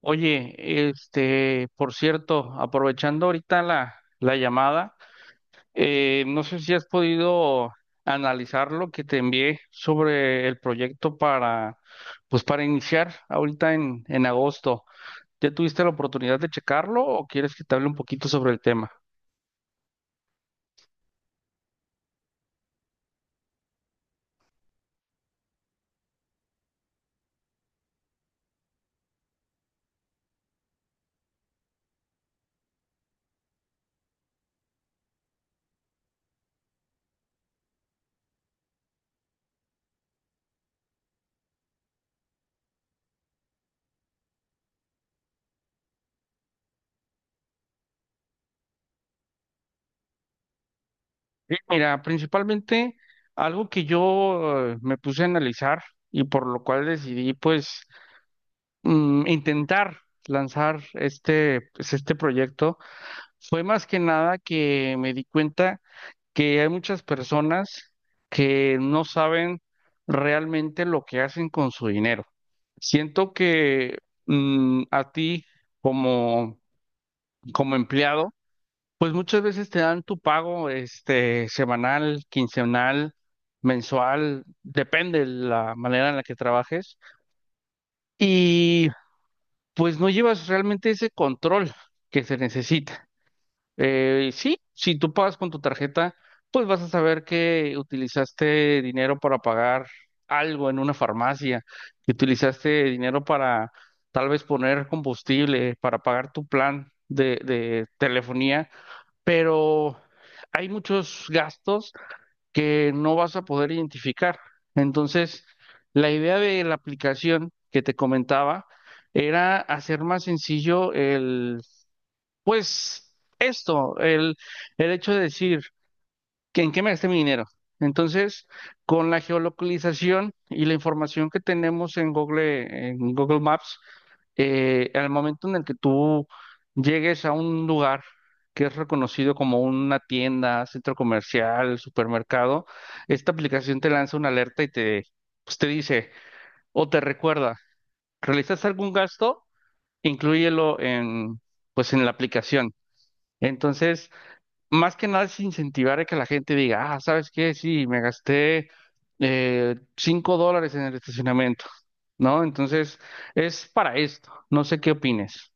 Oye, por cierto, aprovechando ahorita la llamada, no sé si has podido analizar lo que te envié sobre el proyecto para, pues para iniciar ahorita en agosto. ¿Ya tuviste la oportunidad de checarlo o quieres que te hable un poquito sobre el tema? Sí, mira, principalmente algo que yo me puse a analizar y por lo cual decidí pues intentar lanzar este proyecto. Fue más que nada que me di cuenta que hay muchas personas que no saben realmente lo que hacen con su dinero. Siento que a ti como, como empleado, pues muchas veces te dan tu pago este semanal, quincenal, mensual, depende de la manera en la que trabajes, y pues no llevas realmente ese control que se necesita. Sí, si tú pagas con tu tarjeta, pues vas a saber que utilizaste dinero para pagar algo en una farmacia, que utilizaste dinero para tal vez poner combustible, para pagar tu plan de telefonía, pero hay muchos gastos que no vas a poder identificar. Entonces, la idea de la aplicación que te comentaba era hacer más sencillo pues esto, el hecho de decir que en qué me gasté mi dinero. Entonces, con la geolocalización y la información que tenemos en Google Maps, al momento en el que tú llegues a un lugar que es reconocido como una tienda, centro comercial, supermercado, esta aplicación te lanza una alerta y te, pues, te dice o te recuerda, ¿realizaste algún gasto? Inclúyelo en, pues, en la aplicación. Entonces, más que nada es incentivar a que la gente diga, ah, ¿sabes qué? Sí, me gasté $5 en el estacionamiento, ¿no? Entonces, es para esto. No sé qué opines.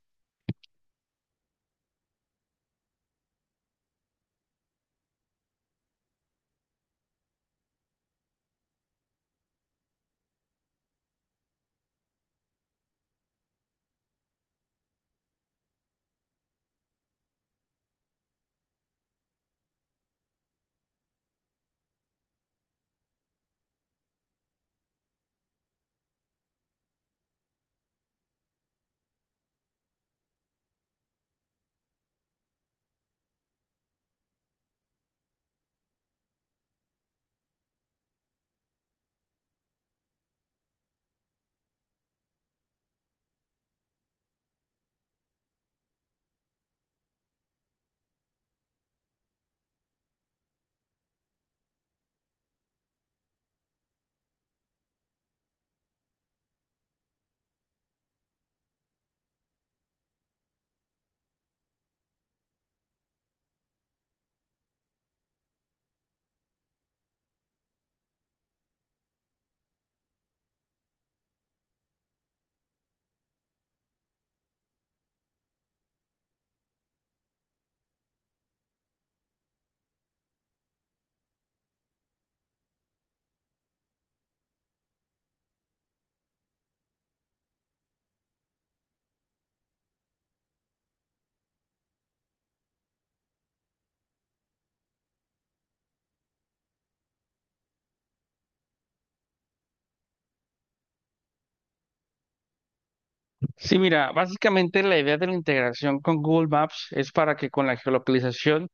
Sí, mira, básicamente la idea de la integración con Google Maps es para que con la geolocalización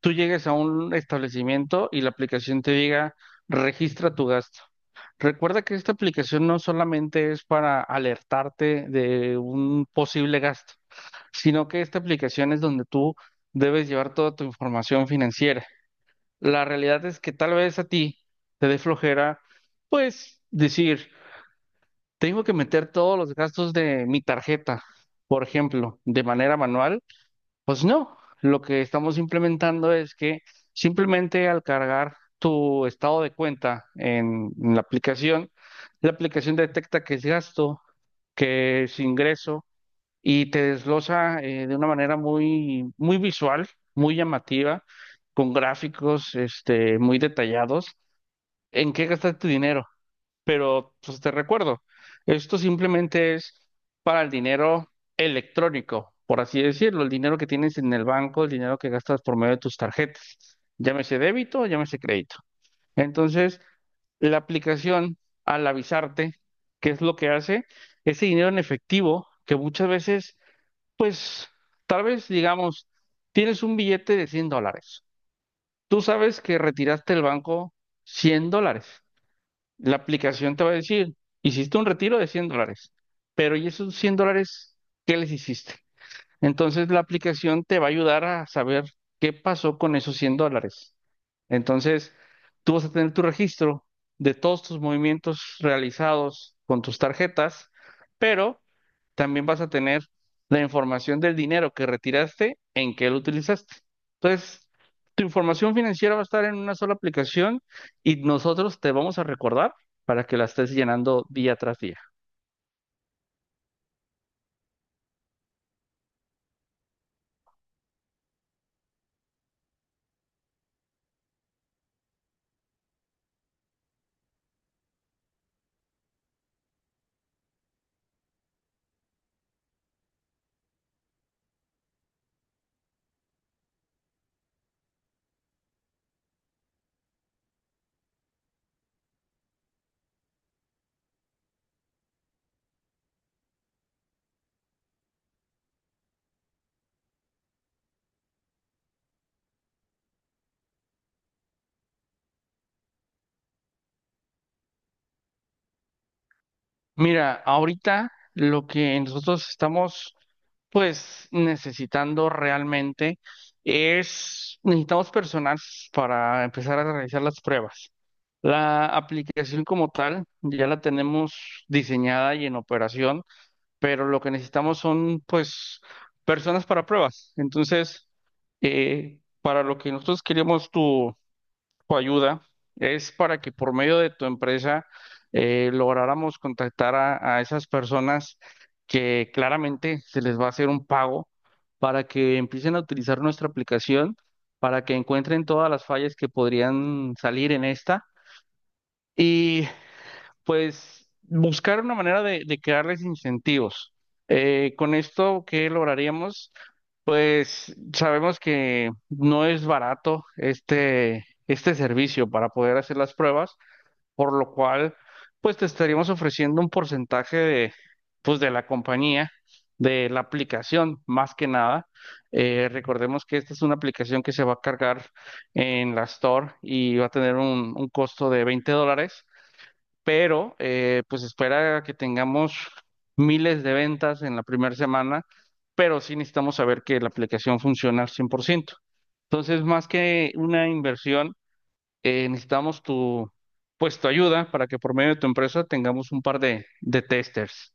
tú llegues a un establecimiento y la aplicación te diga, registra tu gasto. Recuerda que esta aplicación no solamente es para alertarte de un posible gasto, sino que esta aplicación es donde tú debes llevar toda tu información financiera. La realidad es que tal vez a ti te dé flojera, pues decir, tengo que meter todos los gastos de mi tarjeta, por ejemplo, de manera manual. Pues no, lo que estamos implementando es que simplemente al cargar tu estado de cuenta en la aplicación detecta que es gasto, que es ingreso y te desglosa de una manera muy, muy visual, muy llamativa, con gráficos muy detallados, en qué gastar tu dinero. Pero pues te recuerdo, esto simplemente es para el dinero electrónico, por así decirlo, el dinero que tienes en el banco, el dinero que gastas por medio de tus tarjetas, llámese débito, llámese crédito. Entonces, la aplicación, al avisarte qué es lo que hace, ese dinero en efectivo, que muchas veces pues tal vez, digamos, tienes un billete de 100 dólares. Tú sabes que retiraste del banco 100 dólares. La aplicación te va a decir, hiciste un retiro de 100 dólares, pero ¿y esos 100 dólares qué les hiciste? Entonces la aplicación te va a ayudar a saber qué pasó con esos 100 dólares. Entonces, tú vas a tener tu registro de todos tus movimientos realizados con tus tarjetas, pero también vas a tener la información del dinero que retiraste, en qué lo utilizaste. Entonces, tu información financiera va a estar en una sola aplicación y nosotros te vamos a recordar para que la estés llenando día tras día. Mira, ahorita lo que nosotros estamos pues necesitando realmente es, necesitamos personal para empezar a realizar las pruebas. La aplicación como tal ya la tenemos diseñada y en operación. Pero lo que necesitamos son, pues, personas para pruebas. Entonces, para lo que nosotros queríamos tu ayuda es para que por medio de tu empresa lográramos contactar a esas personas que claramente se les va a hacer un pago para que empiecen a utilizar nuestra aplicación, para que encuentren todas las fallas que podrían salir en esta. Y pues buscar una manera de crearles incentivos. Con esto, ¿qué lograríamos? Pues sabemos que no es barato este servicio para poder hacer las pruebas, por lo cual, pues te estaríamos ofreciendo un porcentaje de, pues, de la compañía, de la aplicación, más que nada. Recordemos que esta es una aplicación que se va a cargar en la Store y va a tener un costo de 20 dólares, pero pues espera que tengamos miles de ventas en la primera semana, pero sí necesitamos saber que la aplicación funciona al 100%. Entonces, más que una inversión, necesitamos tu, pues, tu ayuda para que por medio de tu empresa tengamos un par de testers.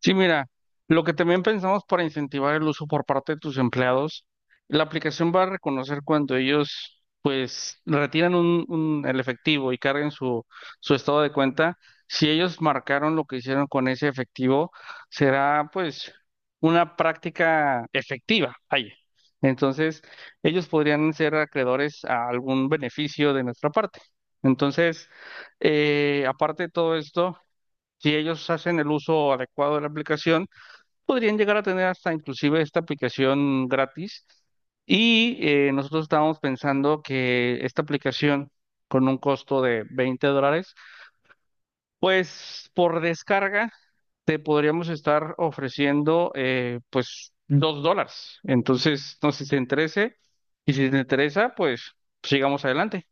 Sí, mira, lo que también pensamos para incentivar el uso por parte de tus empleados, la aplicación va a reconocer cuando ellos pues retiran un- el efectivo y carguen su, su estado de cuenta. Si ellos marcaron lo que hicieron con ese efectivo, será pues una práctica efectiva. Ahí. Entonces, ellos podrían ser acreedores a algún beneficio de nuestra parte. Entonces, aparte de todo esto, si ellos hacen el uso adecuado de la aplicación, podrían llegar a tener hasta inclusive esta aplicación gratis. Y nosotros estábamos pensando que esta aplicación con un costo de 20 dólares, pues por descarga te podríamos estar ofreciendo pues 2 dólares. Entonces, no sé si te interese y si te interesa, pues sigamos adelante.